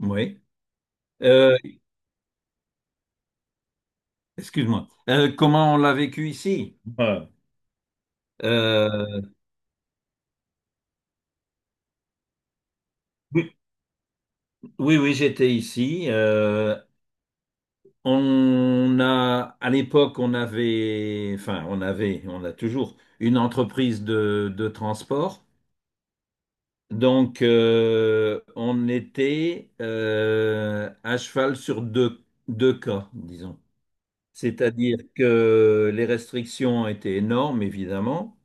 Oui. Euh, Excuse-moi. Comment on l'a vécu ici? Ouais. Euh, oui, oui, oui, j'étais ici. À l'époque, on avait, enfin, on a toujours une entreprise de transport. Donc, on était à cheval sur deux cas, disons. C'est-à-dire que les restrictions étaient énormes, évidemment.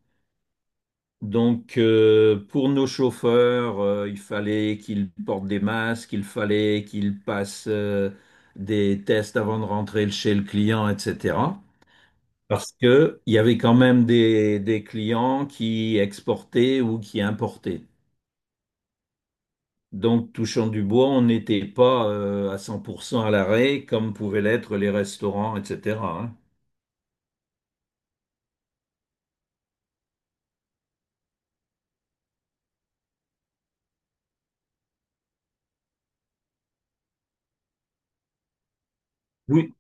Donc, pour nos chauffeurs, il fallait qu'ils portent des masques, il fallait qu'ils passent des tests avant de rentrer chez le client, etc. Parce que il y avait quand même des clients qui exportaient ou qui importaient. Donc, touchant du bois, on n'était pas à 100% à l'arrêt comme pouvaient l'être les restaurants, etc., hein. Oui.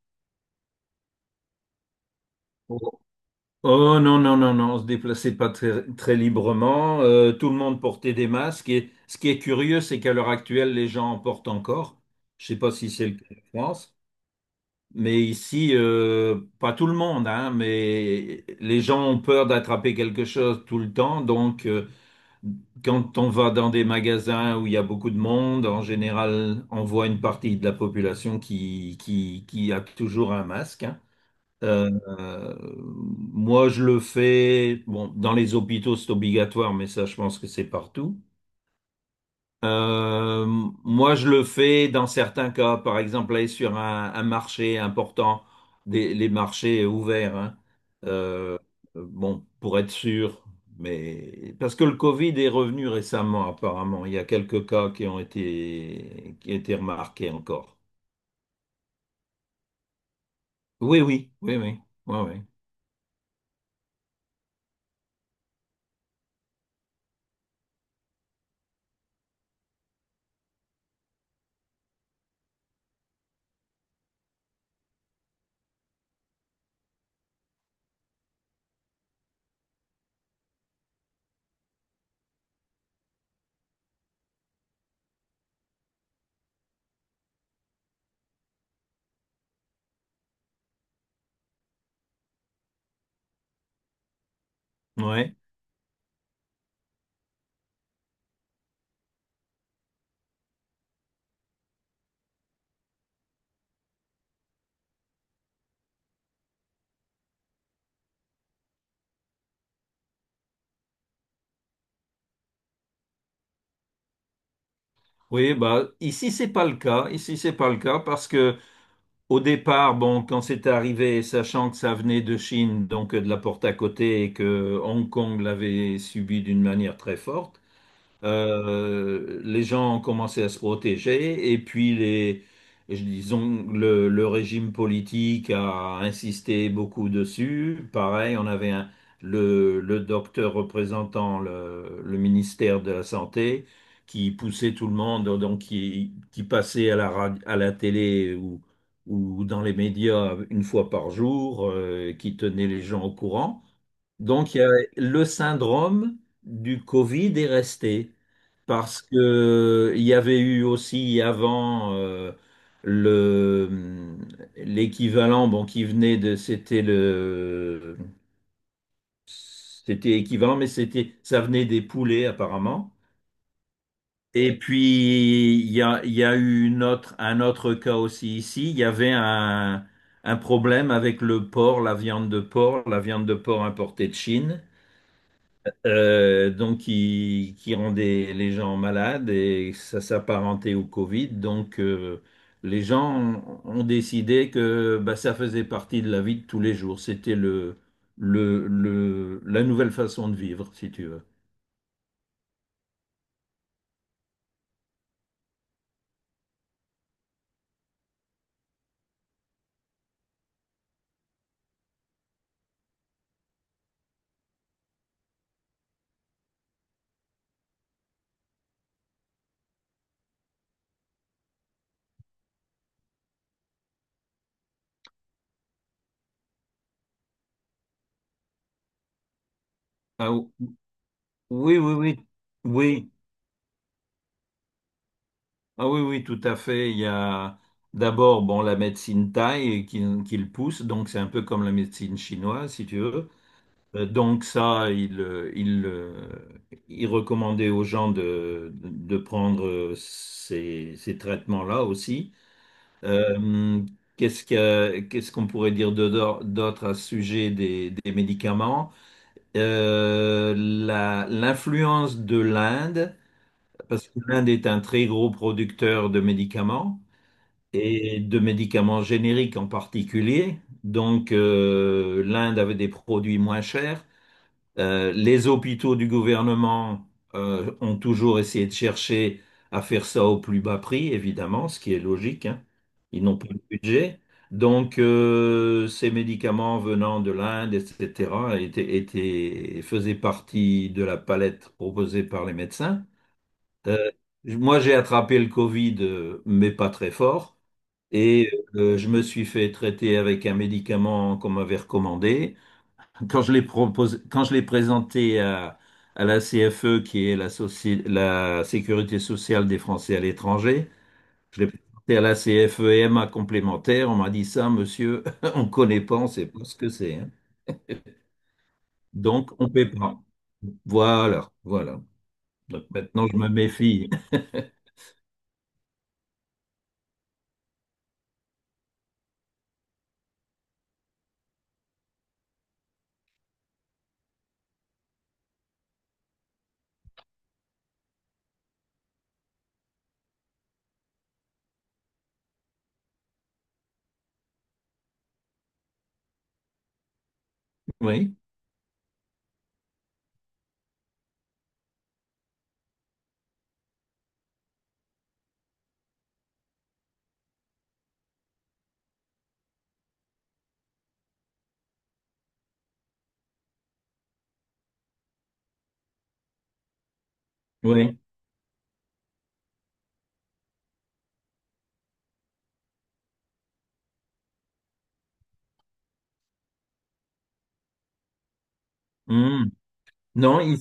Oh, non, non, non, non, on se déplaçait pas très, très librement. Tout le monde portait des masques. Et ce qui est curieux, c'est qu'à l'heure actuelle, les gens en portent encore. Je sais pas si c'est le cas en France, mais ici, pas tout le monde, hein, mais les gens ont peur d'attraper quelque chose tout le temps. Donc, quand on va dans des magasins où il y a beaucoup de monde, en général, on voit une partie de la population qui a toujours un masque, hein. Euh, euh, Moi, je le fais. Bon, dans les hôpitaux, c'est obligatoire, mais ça, je pense que c'est partout. Euh, Moi, je le fais dans certains cas. Par exemple, aller sur un marché important, les marchés ouverts, hein. Euh, bon, pour être sûr. Mais parce que le Covid est revenu récemment, apparemment. Il y a quelques cas qui ont été remarqués encore. Oui, oui, oui, oui, oui, oui. Ouais. Oui, bah ici c'est pas le cas. Ici c'est pas le cas parce que au départ, bon, quand c'est arrivé, sachant que ça venait de Chine, donc de la porte à côté, et que Hong Kong l'avait subi d'une manière très forte, les gens ont commencé à se protéger. Et puis disons, le régime politique a insisté beaucoup dessus. Pareil, on avait le docteur représentant le ministère de la Santé qui poussait tout le monde, donc qui passait à la télé ou dans les médias une fois par jour, qui tenait les gens au courant. Donc, il y a le syndrome du Covid est resté parce que il y avait eu aussi avant, le l'équivalent, bon, qui venait de, c'était le, c'était équivalent, mais c'était, ça venait des poulets, apparemment. Et puis il y a eu un autre cas aussi ici. Il y avait un problème avec le porc, la viande de porc importée de Chine. Donc qui rendait les gens malades et ça s'apparentait au Covid. Donc, les gens ont décidé que bah, ça faisait partie de la vie de tous les jours. C'était la nouvelle façon de vivre, si tu veux. Ah, oui, oui, oui, oui, ah oui, oui, tout à fait. Il y a d'abord, bon, la médecine thaï qui le pousse, donc c'est un peu comme la médecine chinoise, si tu veux. Donc ça, il recommandait aux gens de prendre ces traitements-là aussi. Euh, Qu'est-ce qu'on pourrait dire d'autre à ce sujet des médicaments? L'influence de l'Inde, parce que l'Inde est un très gros producteur de médicaments et de médicaments génériques en particulier. Donc, l'Inde avait des produits moins chers. Les hôpitaux du gouvernement ont toujours essayé de chercher à faire ça au plus bas prix, évidemment, ce qui est logique, hein. Ils n'ont pas de budget. Donc, ces médicaments venant de l'Inde, etc., faisaient partie de la palette proposée par les médecins. Euh, Moi, j'ai attrapé le Covid, mais pas très fort. Et je me suis fait traiter avec un médicament qu'on m'avait recommandé. Quand je l'ai présenté à la CFE, qui est la Sécurité sociale des Français à l'étranger, je l'ai présenté à la CFE-MA complémentaire, on m'a dit, ça, monsieur, on ne connaît pas, on ne sait pas ce que c'est, hein. Donc, on ne paie pas. Voilà, voilà. Donc maintenant, je me méfie. Oui, oui. Hmm. Non.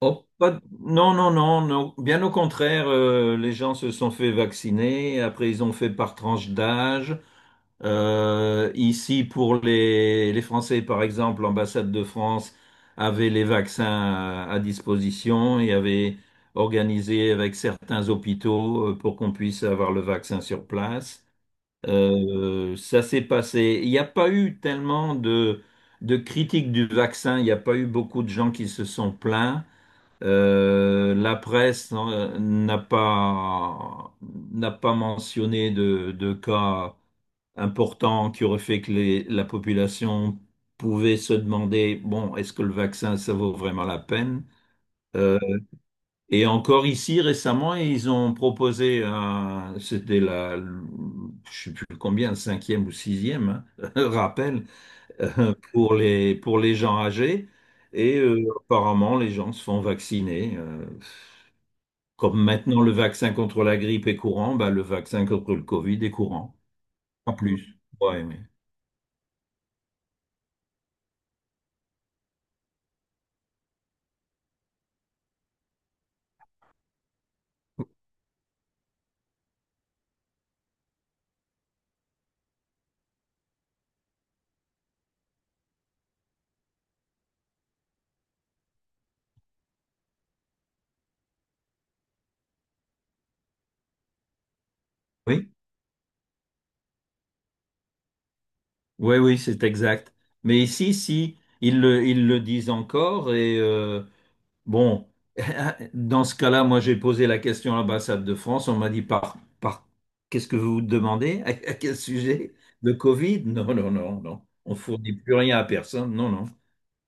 Oh, non, non, non, non. Bien au contraire, les gens se sont fait vacciner. Après, ils ont fait par tranche d'âge. Ici, pour les Français, par exemple, l'ambassade de France avait les vaccins à disposition et avait organisé avec certains hôpitaux pour qu'on puisse avoir le vaccin sur place. Ça s'est passé. Il n'y a pas eu tellement de critiques du vaccin. Il n'y a pas eu beaucoup de gens qui se sont plaints. La presse n'a pas mentionné de cas importants qui auraient fait que la population pouvait se demander, bon, est-ce que le vaccin, ça vaut vraiment la peine? Euh, et encore ici, récemment, ils ont proposé, c'était la, je sais plus combien, cinquième ou sixième, hein, rappel, pour les gens âgés. Et apparemment, les gens se font vacciner. Comme maintenant le vaccin contre la grippe est courant, bah, le vaccin contre le Covid est courant. Pas plus. Ouais. Oui, oui, oui, c'est exact. Mais ici, si, ils le disent encore. Et bon, dans ce cas-là, moi, j'ai posé la question à l'ambassade de France. On m'a dit qu'est-ce que vous demandez? À quel sujet? Le Covid? Non, non, non, non. On fournit plus rien à personne. Non, non.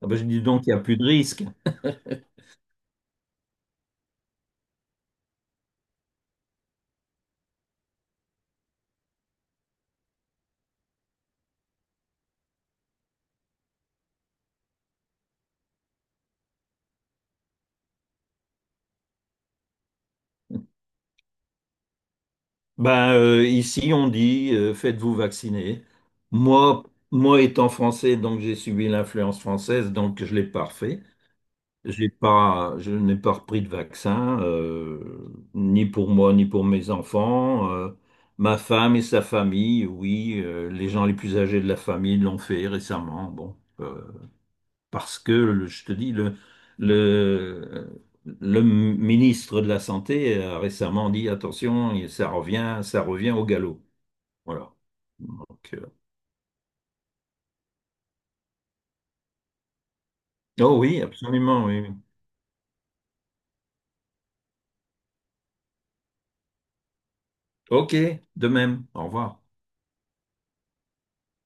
Ah ben, je dis donc, il n'y a plus de risque. Ben, ici, on dit faites-vous vacciner. Moi, moi, étant français, donc j'ai subi l'influence française, donc je l'ai pas refait. J'ai pas, Je n'ai pas repris de vaccin, ni pour moi, ni pour mes enfants. Ma femme et sa famille, oui, les gens les plus âgés de la famille l'ont fait récemment. Bon, parce que je te dis, le, le ministre de la Santé a récemment dit, attention, ça revient au galop. Voilà. Donc, oh oui, absolument, oui, oui. OK, de même. Au revoir.